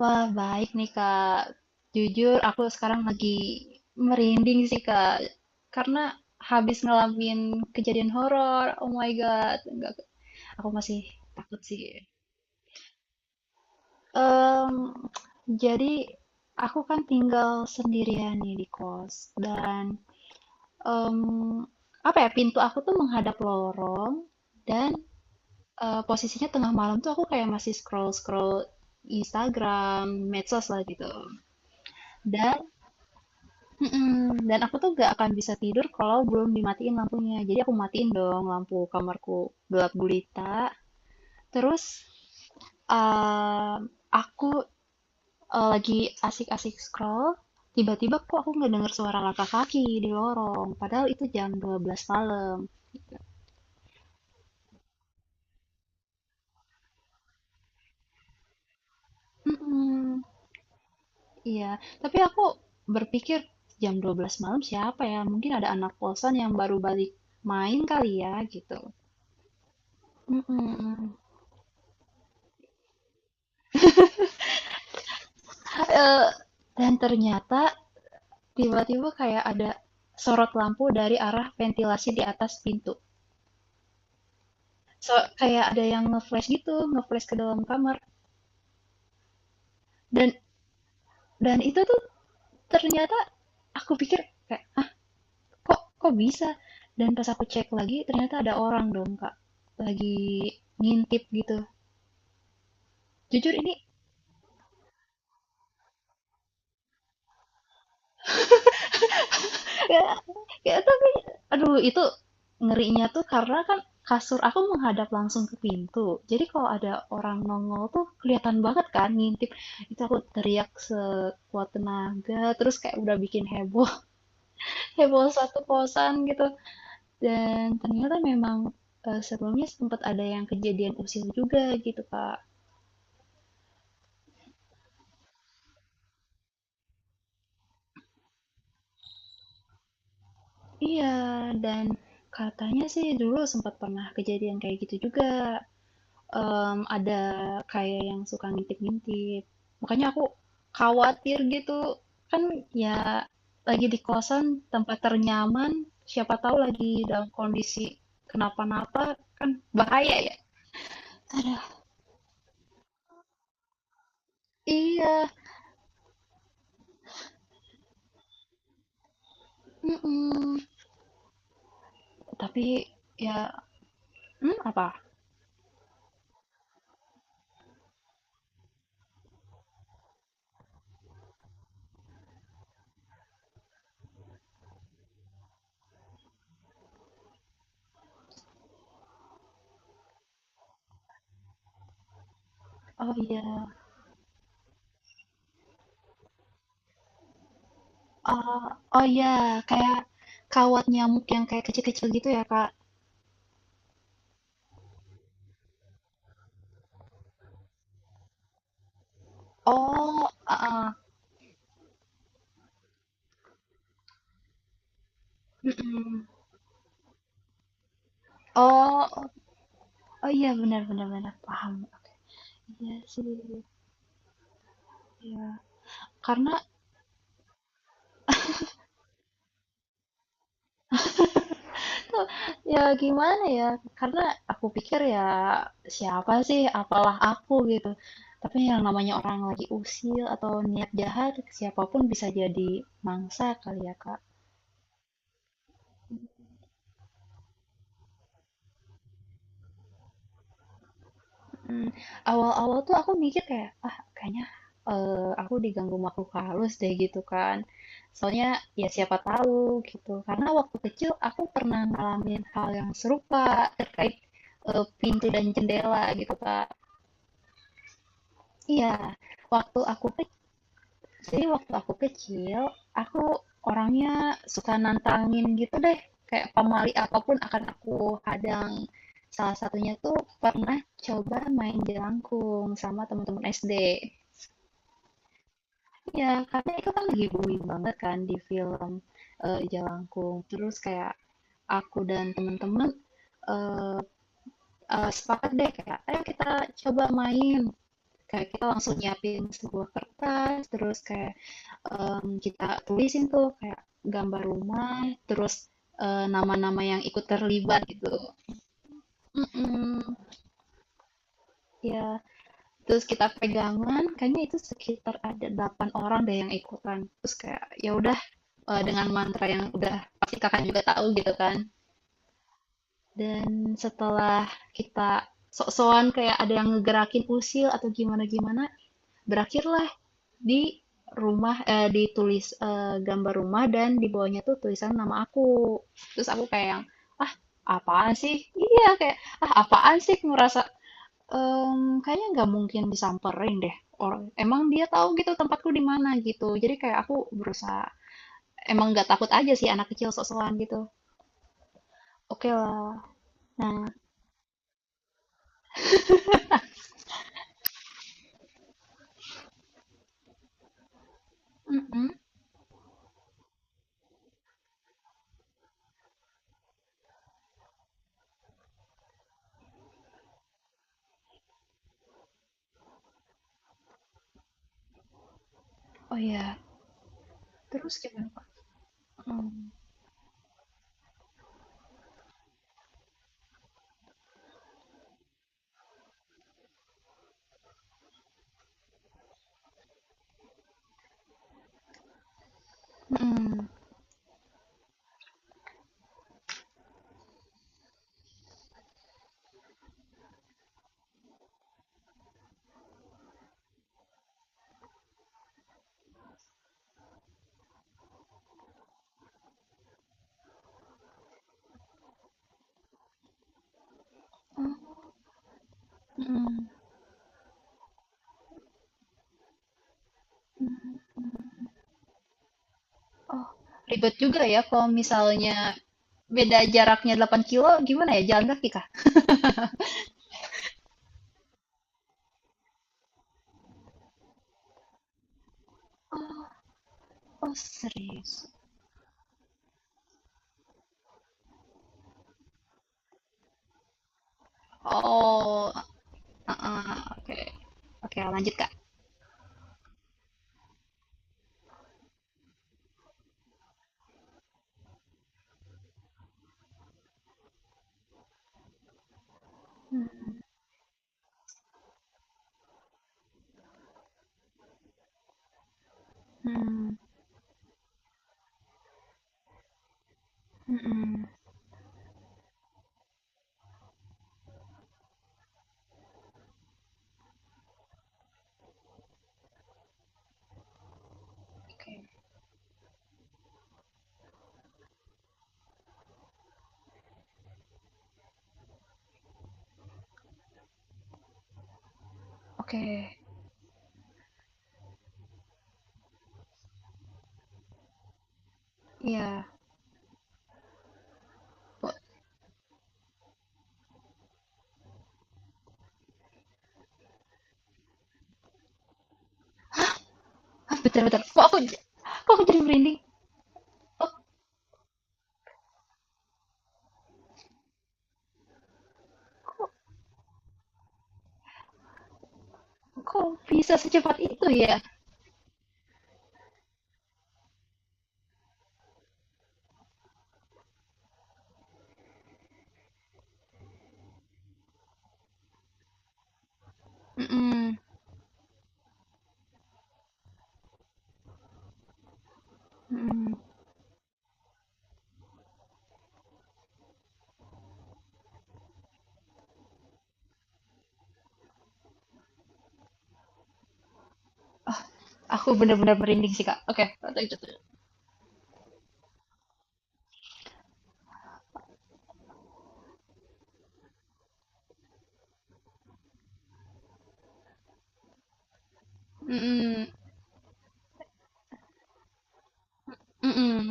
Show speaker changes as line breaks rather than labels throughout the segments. Wah, baik nih, Kak. Jujur, aku sekarang lagi merinding sih, Kak. Karena habis ngalamin kejadian horor. Oh my God. Enggak, aku masih takut sih. Em, jadi, aku kan tinggal sendirian nih di kos. Dan, em, apa ya, pintu aku tuh menghadap lorong. Dan posisinya tengah malam tuh aku kayak masih scroll-scroll Instagram, medsos lah gitu. Dan Mm-mm. Dan aku tuh gak akan bisa tidur kalau belum dimatiin lampunya. Jadi aku matiin dong lampu kamarku, gelap gulita. Terus aku lagi asik-asik scroll, tiba-tiba kok aku ngedenger suara langkah kaki di lorong. Padahal itu jam 12 malam. Mm-mm. Iya, tapi aku berpikir, jam 12 malam siapa ya? Mungkin ada anak kosan yang baru balik main kali ya gitu. Mm-mm. Eh, dan ternyata tiba-tiba kayak ada sorot lampu dari arah ventilasi di atas pintu. So, kayak ada yang nge-flash gitu, nge-flash ke dalam kamar. Dan dan itu tuh ternyata, aku pikir kayak, ah, kok kok bisa? Dan pas aku cek lagi, ternyata ada orang dong, Kak. Lagi ngintip gitu. Jujur ini Kayak kayak, tapi aduh, itu ngerinya tuh karena kan kasur aku menghadap langsung ke pintu. Jadi kalau ada orang nongol tuh kelihatan banget kan, ngintip. Itu aku teriak sekuat tenaga, terus kayak udah bikin heboh, heboh satu kosan gitu. Dan ternyata memang sebelumnya sempat ada yang kejadian usil juga gitu, Kak. Iya, dan katanya sih dulu sempat pernah kejadian kayak gitu juga. Ada kayak yang suka ngintip-ngintip. Makanya aku khawatir gitu, kan ya lagi di kosan, tempat ternyaman, siapa tahu lagi dalam kondisi kenapa-napa, kan bahaya ya. Aduh, iya, mhm. Tapi ya, apa? Oh iya, eee, oh iya, kayak kawat nyamuk yang kayak kecil-kecil gitu ya, Kak? Oh, heeh, mhm. Oh, oh iya, benar-benar, bener, paham, oke. Iya sih, ya, karena itu ya gimana ya, karena aku pikir ya, siapa sih, apalah aku gitu. Tapi yang namanya orang lagi usil atau niat jahat, siapapun bisa jadi mangsa kali ya, Kak. Mm, Awal-awal tuh aku mikir kayak, ah kayaknya aku diganggu makhluk halus deh gitu kan. Soalnya ya siapa tahu gitu. Karena waktu kecil aku pernah ngalamin hal yang serupa terkait pintu dan jendela gitu, Kak. Iya, waktu aku ke jadi waktu aku kecil, aku orangnya suka nantangin gitu deh, kayak pamali apapun akan aku hadang. Salah satunya tuh pernah coba main jelangkung sama teman-teman SD. Ya, karena itu kan lagi booming banget kan di film Jelangkung. Terus kayak aku dan teman-teman eh, sepakat deh kayak, ayo kita coba main. Kayak kita langsung nyiapin sebuah kertas, terus kayak kita tulisin tuh kayak gambar rumah, terus nama-nama yang ikut terlibat gitu. Mm-mm. Ya, terus kita pegangan, kayaknya itu sekitar ada 8 orang deh yang ikutan. Terus kayak ya udah dengan mantra yang udah pasti kakak juga tahu gitu kan. Dan setelah kita sok-sokan kayak ada yang ngegerakin usil atau gimana-gimana, berakhirlah di gambar rumah, dan di bawahnya tuh tulisan nama aku. Terus aku kayak yang, ah apaan sih, iya kayak, ah apaan sih, ngerasa kayaknya nggak mungkin disamperin deh, orang emang dia tahu gitu tempatku di mana gitu. Jadi kayak aku berusaha emang nggak takut aja sih, anak kecil sok-sokan gitu, oke lah, nah, mm-mm. Oh ya, terus gimana Pak? Mm, mm, mm. Oh, ribet juga ya kalau misalnya beda jaraknya 8 kilo, gimana ya? Jalan kaki kah? Oh, serius. Oh, ah, ah, oke. Oke, lanjut, Kak. Hmm, hmm, hmm, hmm. Oke. Oke. Iya. Oh, ah, bentar, bentar. Kok aku jadi merinding? Oh, kok, kok bisa secepat itu ya? Hmm, hmm. Aku benar-benar merinding sih, Kak. Oke, lanjut. Hmm, hmm.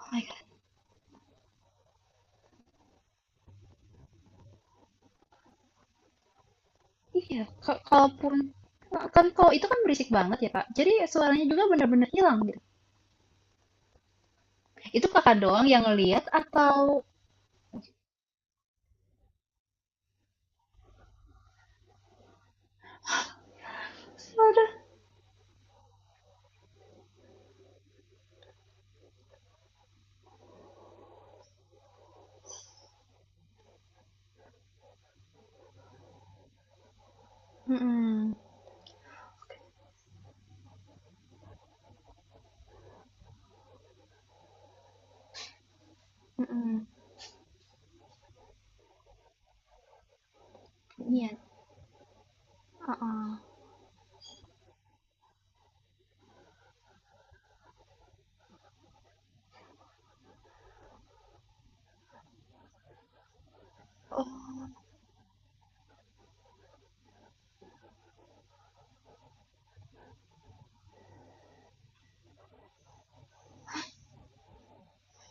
Oh my God. Iya, ka- kalaupun nah, kan kalau itu kan berisik banget ya, Kak. Jadi suaranya juga benar-benar hilang gitu. Itu kakak doang yang ngelihat atau? Ada. Mm-mm. Mm-mm. Niat? Uh-uh. Oh.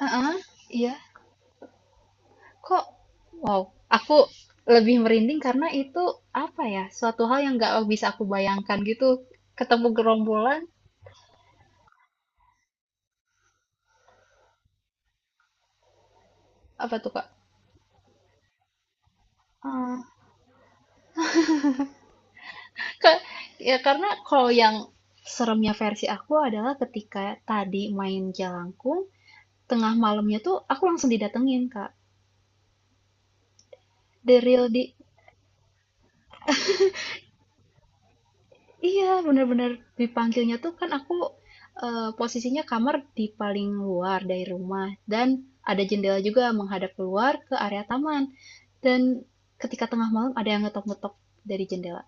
Heeh, iya. Kok, wow, aku lebih merinding karena itu, apa ya? Suatu hal yang nggak bisa aku bayangkan gitu. Ketemu gerombolan apa tuh, Kak? Ka- ya karena kalau yang seremnya versi aku adalah ketika tadi main jalangkung, tengah malamnya tuh aku langsung didatengin, Kak. The real di Iya, bener-bener, dipanggilnya tuh, kan aku posisinya kamar di paling luar dari rumah, dan ada jendela juga menghadap keluar ke area taman. Dan ketika tengah malam ada yang ngetok-ngetok dari jendela.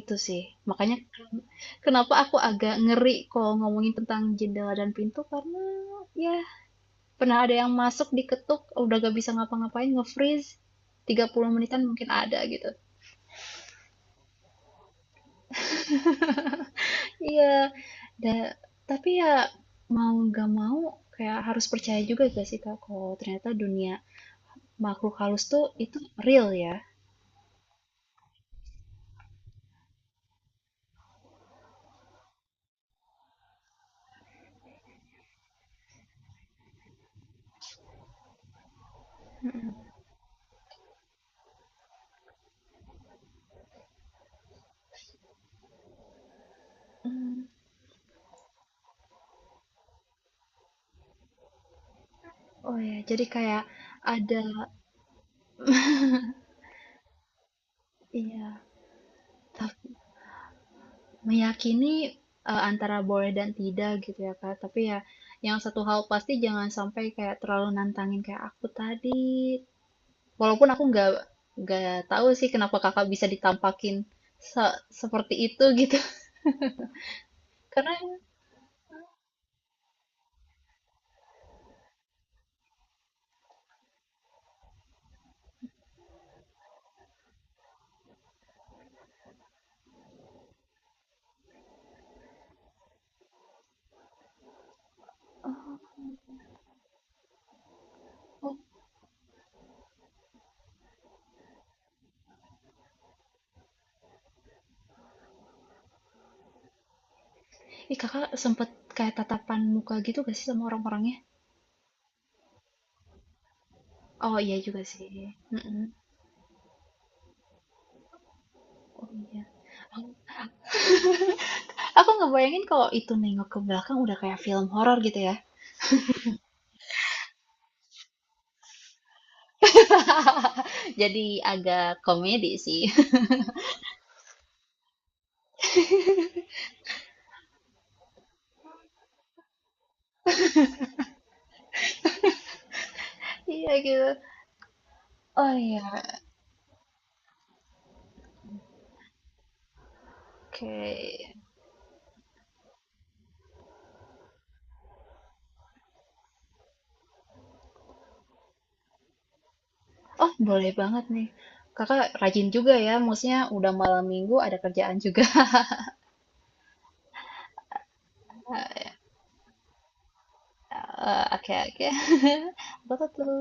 Itu sih. Makanya kenapa aku agak ngeri kalau ngomongin tentang jendela dan pintu, karena ya, pernah ada yang masuk, diketuk, udah gak bisa ngapa-ngapain, nge-freeze 30 menitan mungkin ada gitu. Iya, da tapi ya, mau nggak mau kayak harus percaya juga gak sih, Kak, kalau ternyata dunia makhluk halus tuh itu real ya. Hmm, oh ya, jadi kayak ada, iya, ta- meyakini antara boleh dan tidak gitu ya, Kak. Tapi ya, yang satu hal pasti, jangan sampai kayak terlalu nantangin kayak aku tadi. Walaupun aku nggak tahu sih kenapa Kakak bisa ditampakin seperti itu gitu. Karena Ih, Kakak sempet kayak tatapan muka gitu gak sih sama orang-orangnya? Oh iya juga sih. Mm-mm. Oh iya. Aku nggak bayangin kalau itu nengok ke belakang, udah kayak film horor gitu ya. Jadi agak komedi sih. Iya gitu. Oh iya. Oke. Oh, boleh banget nih. Kakak rajin juga ya. Maksudnya udah malam minggu ada kerjaan juga. Eh, oke oke. Aku tuh